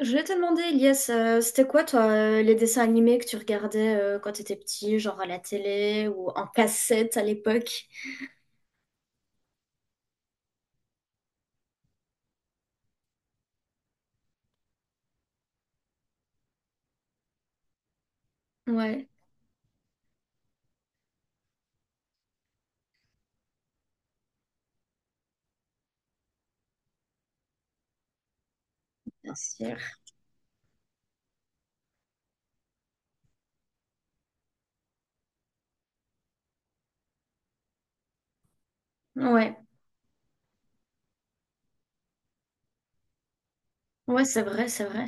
Je voulais te demander, Elias, c'était quoi, toi, les dessins animés que tu regardais quand t'étais petit, genre à la télé ou en cassette à l'époque? Ouais, bien sûr. Ouais, ouais, c'est vrai, c'est vrai.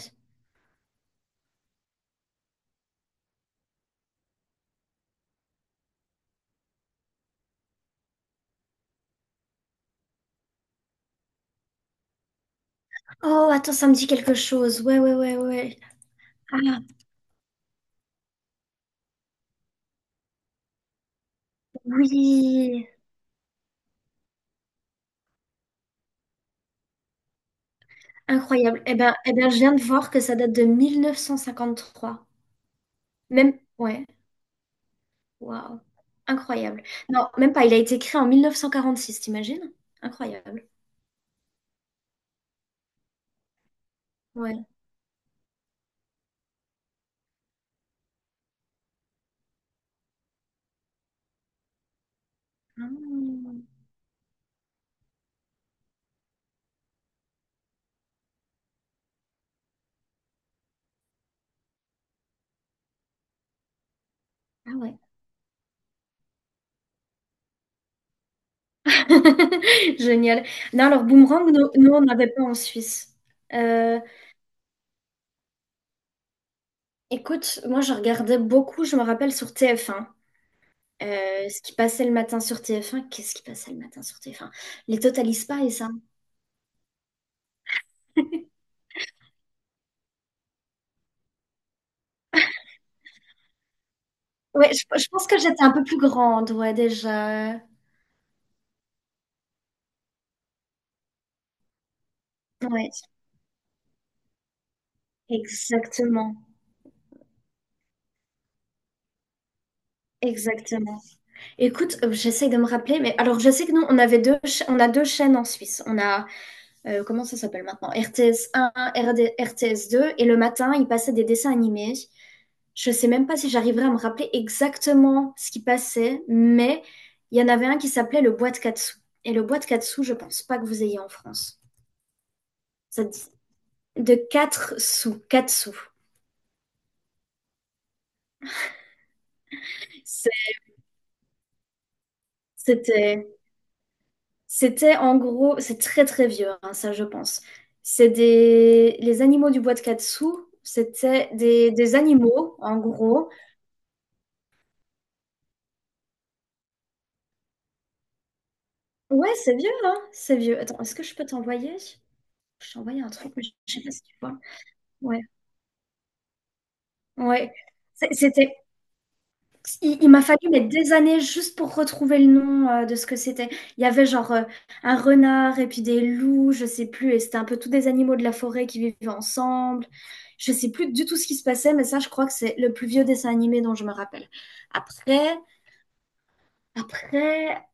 Oh, attends, ça me dit quelque chose. Ouais, ouais, ouais, ouais. Ah, oui, incroyable. Eh ben, je viens de voir que ça date de 1953. Même, ouais, waouh, incroyable. Non, même pas, il a été créé en 1946, t'imagines? Incroyable. Ouais. Ah, ah ouais. Génial. Non, alors Boomerang, nous, nous, on n'avait pas en Suisse. Euh, Écoute, moi je regardais beaucoup, je me rappelle sur tf un. Ce qui passait le matin sur tf un. Qu'est-ce qui passait le matin sur tf un. Les Total Spies et ça. Ouais, je pense que j'étais un peu plus grande, ouais, déjà. Ouais, exactement. Exactement. Écoute, j'essaye de me rappeler, mais alors je sais que nous, on a deux chaînes en Suisse. On a comment ça s'appelle maintenant? RTS 1, RD RTS 2, et le matin, ils passaient des dessins animés. Je sais même pas si j'arriverai à me rappeler exactement ce qui passait, mais il y en avait un qui s'appelait le bois de quatre sous. Et le bois de quatre sous, je pense pas que vous ayez en France. Ça dit- de quatre sous, quatre sous. C'est- C'était, c'était en gros, c'est très très vieux, hein, ça je pense. C'est des, les animaux du bois de quatre sous, c'était des animaux, en gros. Ouais, c'est vieux, hein? C'est vieux. Attends, est-ce que je peux t'envoyer? Je t'ai envoyé un truc, mais je sais pas si tu vois. Ouais, ouais. C'était. Il m'a fallu mais des années juste pour retrouver le nom de ce que c'était. Il y avait genre un renard et puis des loups, je sais plus. Et c'était un peu tous des animaux de la forêt qui vivaient ensemble. Je sais plus du tout ce qui se passait, mais ça, je crois que c'est le plus vieux dessin animé dont je me rappelle. Après, après.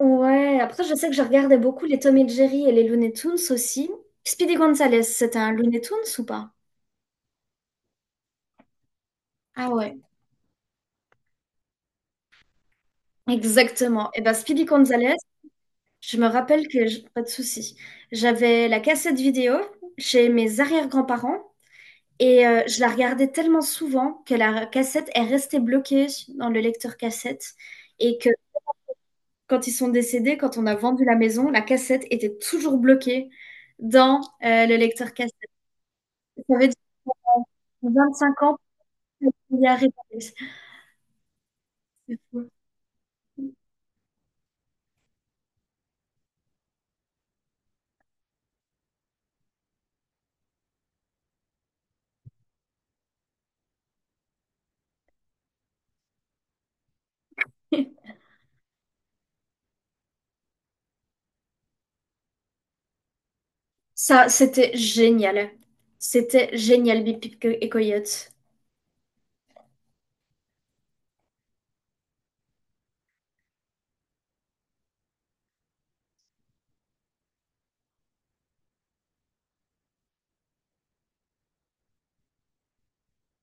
Ouais, après je sais que je regardais beaucoup les Tom et Jerry et les Looney Tunes aussi. Speedy Gonzales, c'était un Looney Tunes ou pas? Ah ouais. Exactement. Et ben Speedy Gonzales, je me rappelle que, pas de souci, j'avais la cassette vidéo chez mes arrière-grands-parents et je la regardais tellement souvent que la cassette est restée bloquée dans le lecteur cassette et que quand ils sont décédés, quand on a vendu la maison, la cassette était toujours bloquée dans le lecteur cassette. Ça veut dire que 25 ans. Il y a Rivales. Ça, c'était génial. C'était génial, Bip Bip et Coyote.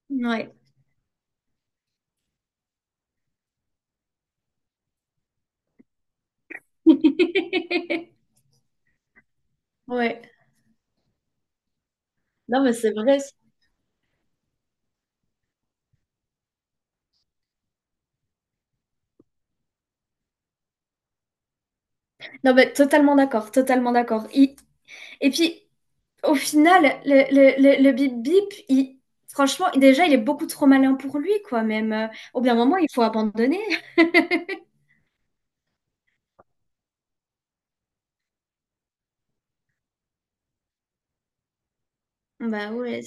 Ouais, ouais. Non, mais c'est vrai. Non, mais totalement d'accord, totalement d'accord. Et puis, au final, le Bip Bip, franchement, déjà, il est beaucoup trop malin pour lui, quoi, même. Au bien moment, il faut abandonner. Bah ouais,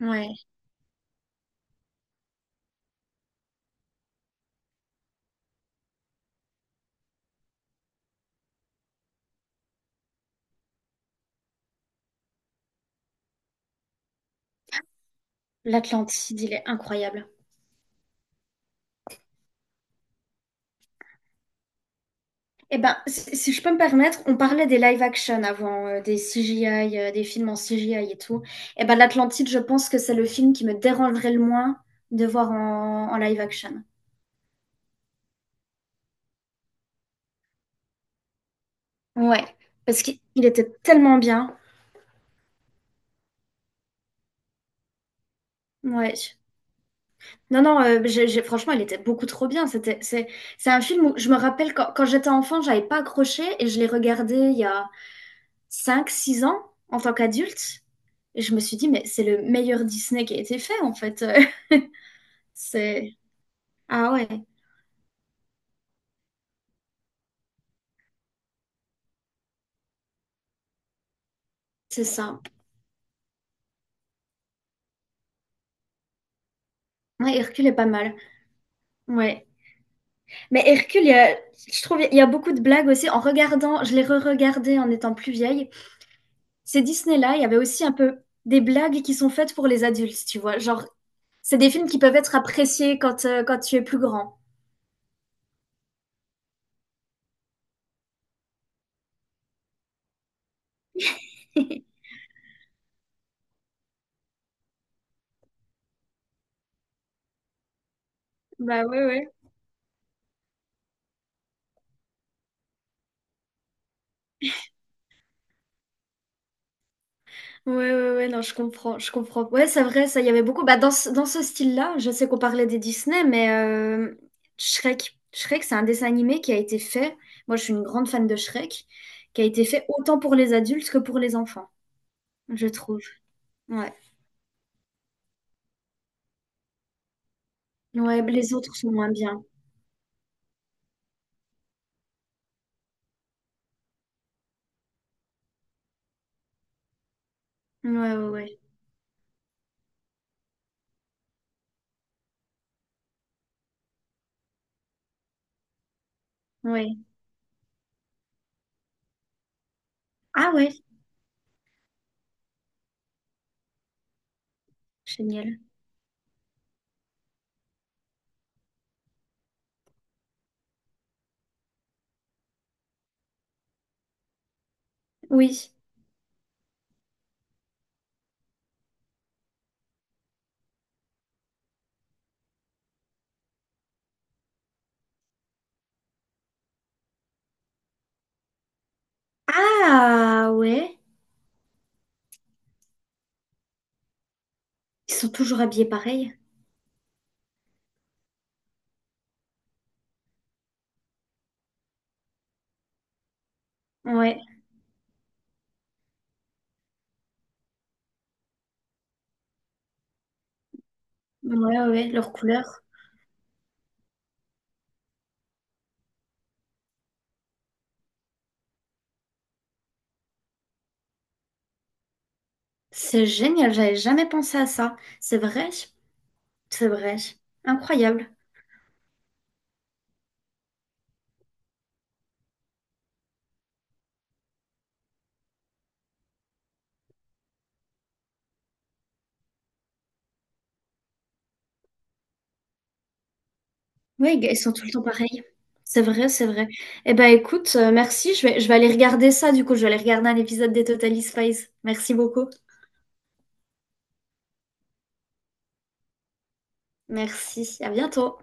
ouais. L'Atlantide, il est incroyable. Eh ben, si je peux me permettre, on parlait des live action avant, des CGI, des films en CGI et tout. Eh ben, l'Atlantide, je pense que c'est le film qui me dérangerait le moins de voir en, en live action. Ouais, parce qu'il était tellement bien. Ouais. Non, non, franchement, il était beaucoup trop bien. C'est un film où je me rappelle quand, quand j'étais enfant, j'avais pas accroché et je l'ai regardé il y a cinq, six ans en tant qu'adulte. Et je me suis dit, mais c'est le meilleur Disney qui a été fait, en fait. C'est... Ah ouais. C'est ça. Ouais, Hercule est pas mal. Ouais. Mais Hercule, je trouve il y a beaucoup de blagues aussi. En regardant, je l'ai re-regardé en étant plus vieille. Ces Disney-là, il y avait aussi un peu des blagues qui sont faites pour les adultes, tu vois. Genre, c'est des films qui peuvent être appréciés quand, quand tu es plus grand. Bah ouais, ouais. Ouais, ouais, ouais, non, je comprends, je comprends. Ouais, c'est vrai, ça, il y avait beaucoup. Bah, dans ce style-là, je sais qu'on parlait des Disney, mais Shrek, Shrek, c'est un dessin animé qui a été fait. Moi, je suis une grande fan de Shrek, qui a été fait autant pour les adultes que pour les enfants, je trouve. Ouais, ouais, les autres sont moins bien. Ouais, ouais, ouais, ouais. Ah ouais, génial. Oui. Ah ouais, ils sont toujours habillés pareil. Ouais, ouais, ouais, leur couleur. C'est génial, j'avais jamais pensé à ça. C'est vrai? C'est vrai. Incroyable. Oui, ils sont tout le temps pareils. C'est vrai, c'est vrai. Eh ben écoute, merci. Je vais aller regarder ça du coup. Je vais aller regarder un épisode des Totally Spies. Merci beaucoup. Merci. À bientôt.